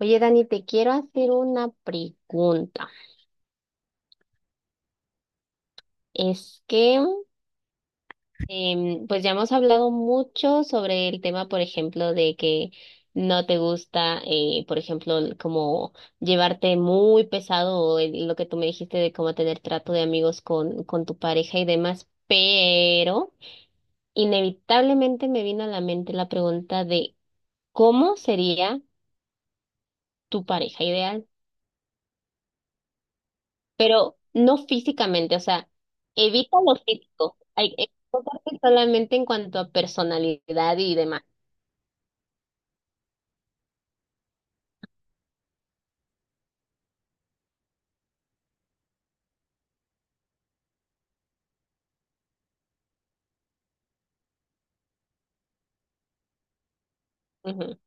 Oye, Dani, te quiero hacer una pregunta. Es que, pues ya hemos hablado mucho sobre el tema, por ejemplo, de que no te gusta, por ejemplo, el como llevarte muy pesado o lo que tú me dijiste de cómo tener trato de amigos con tu pareja y demás, pero inevitablemente me vino a la mente la pregunta de ¿cómo sería tu pareja ideal? Pero no físicamente, o sea, evita lo físico, hay que enfocarte solamente en cuanto a personalidad y demás. Ujú.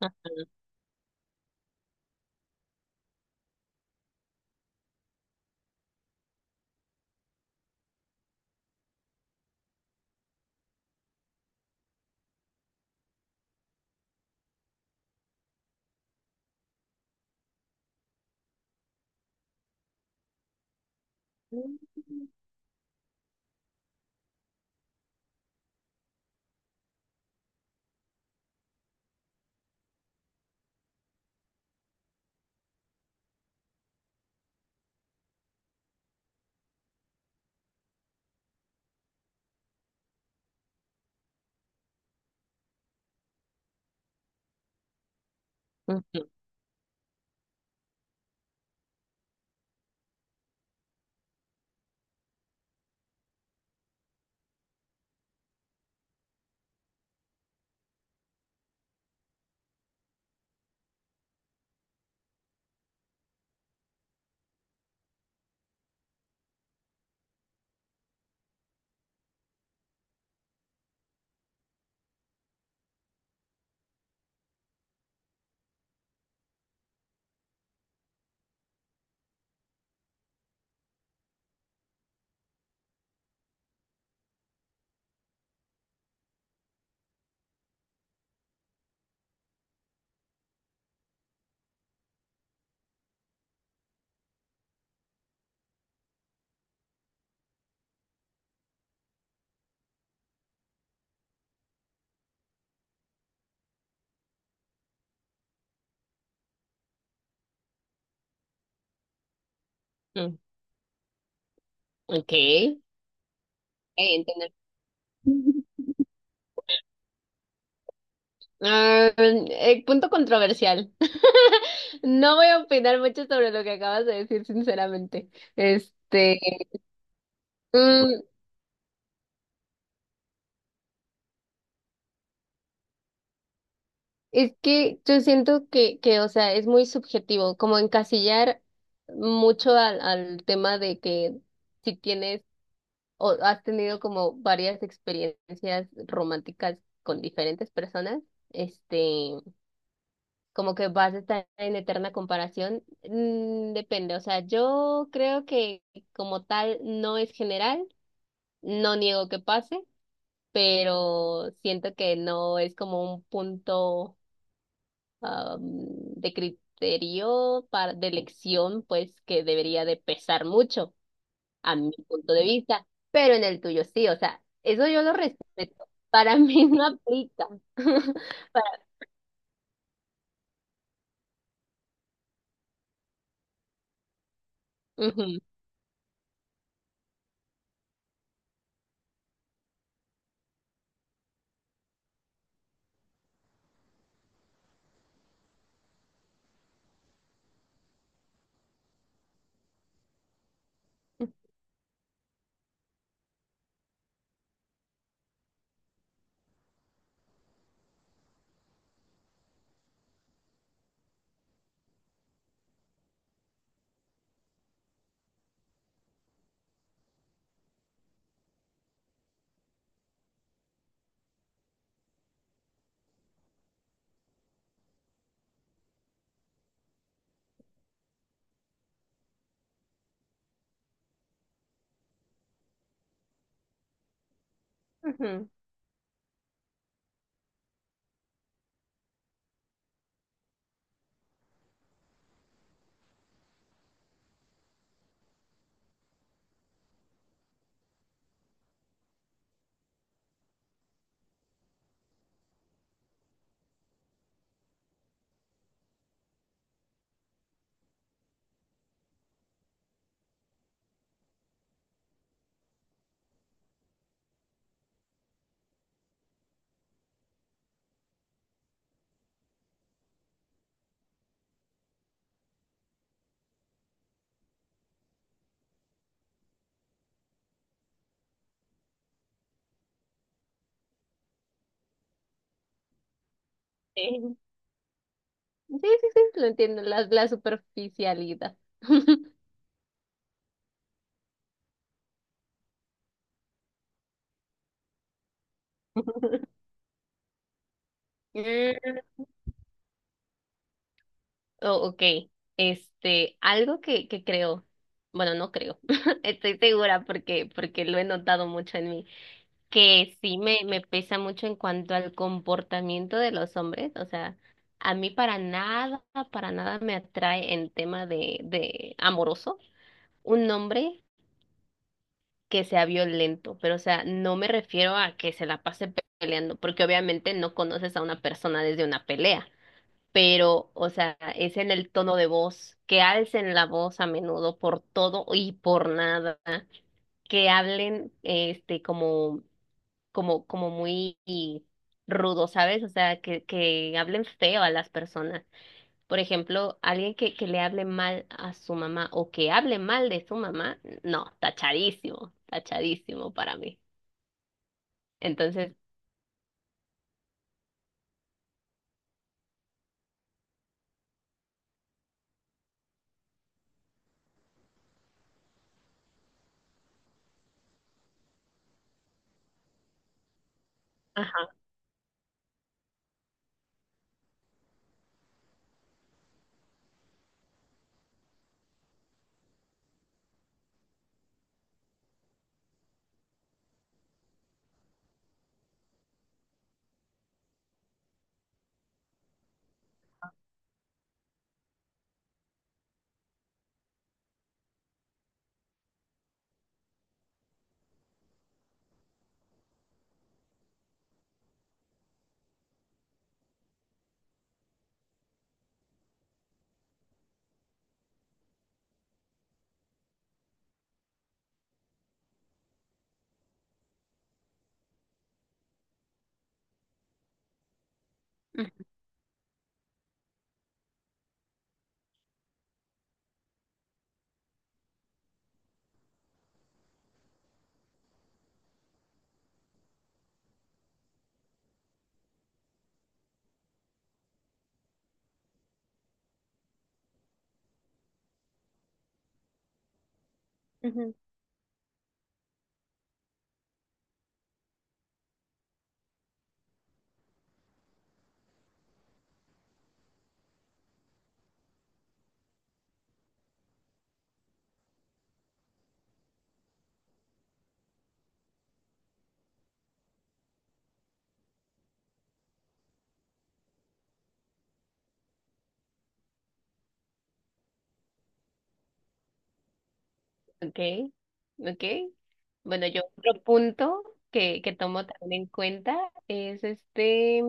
Ah. Ujú, ujú. Ok, entender. Punto controversial. No voy a opinar mucho sobre lo que acabas de decir, sinceramente. Este, mm, es que yo siento que, o sea, es muy subjetivo, como encasillar mucho al tema de que si tienes ¿o has tenido como varias experiencias románticas con diferentes personas? Este, como que vas a estar en eterna comparación. Mm, depende, o sea, yo creo que como tal no es general, no niego que pase, pero siento que no es como un punto am, de criterio para, de elección, pues que debería de pesar mucho a mi punto de vista, pero en el tuyo sí, o sea, eso yo lo respeto. Para mí no aplica. Para... Ujú, ujú. Sí, sí, sí, sí, lo entiendo, la superficialidad. Mm, oh, ok, este, algo que creo, bueno, no creo, estoy segura porque, porque lo he notado mucho en mí, que sí me pesa mucho en cuanto al comportamiento de los hombres, o sea, a mí para nada me atrae en tema de amoroso un hombre que sea violento, pero o sea, no me refiero a que se la pase peleando, porque obviamente no conoces a una persona desde una pelea, pero o sea, es en el tono de voz, que alcen la voz a menudo por todo y por nada, que hablen como muy rudo, ¿sabes? O sea, que hablen feo a las personas. Por ejemplo, alguien que le hable mal a su mamá o que hable mal de su mamá, no, tachadísimo, tachadísimo para mí. Entonces, ajá. Ujú. Okay, okay. Bueno, yo otro punto que tomo también en cuenta es este.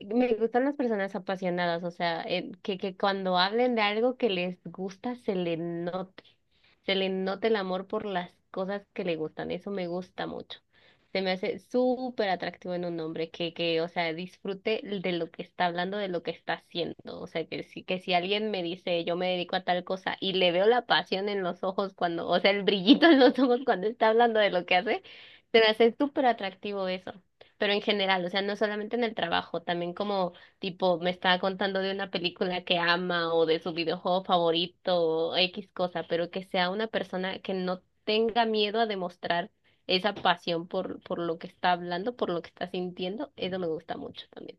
Me gustan las personas apasionadas, o sea, que cuando hablen de algo que les gusta se le note el amor por las cosas que le gustan, eso me gusta mucho. Se me hace súper atractivo en un hombre o sea, disfrute de lo que está hablando, de lo que está haciendo. O sea, que si alguien me dice yo me dedico a tal cosa y le veo la pasión en los ojos cuando, o sea, el brillito en los ojos cuando está hablando de lo que hace, se me hace súper atractivo eso, pero en general, o sea, no solamente en el trabajo, también como tipo me estaba contando de una película que ama o de su videojuego favorito o X cosa, pero que sea una persona que no tenga miedo a demostrar esa pasión por lo que está hablando, por lo que está sintiendo, eso me gusta mucho también.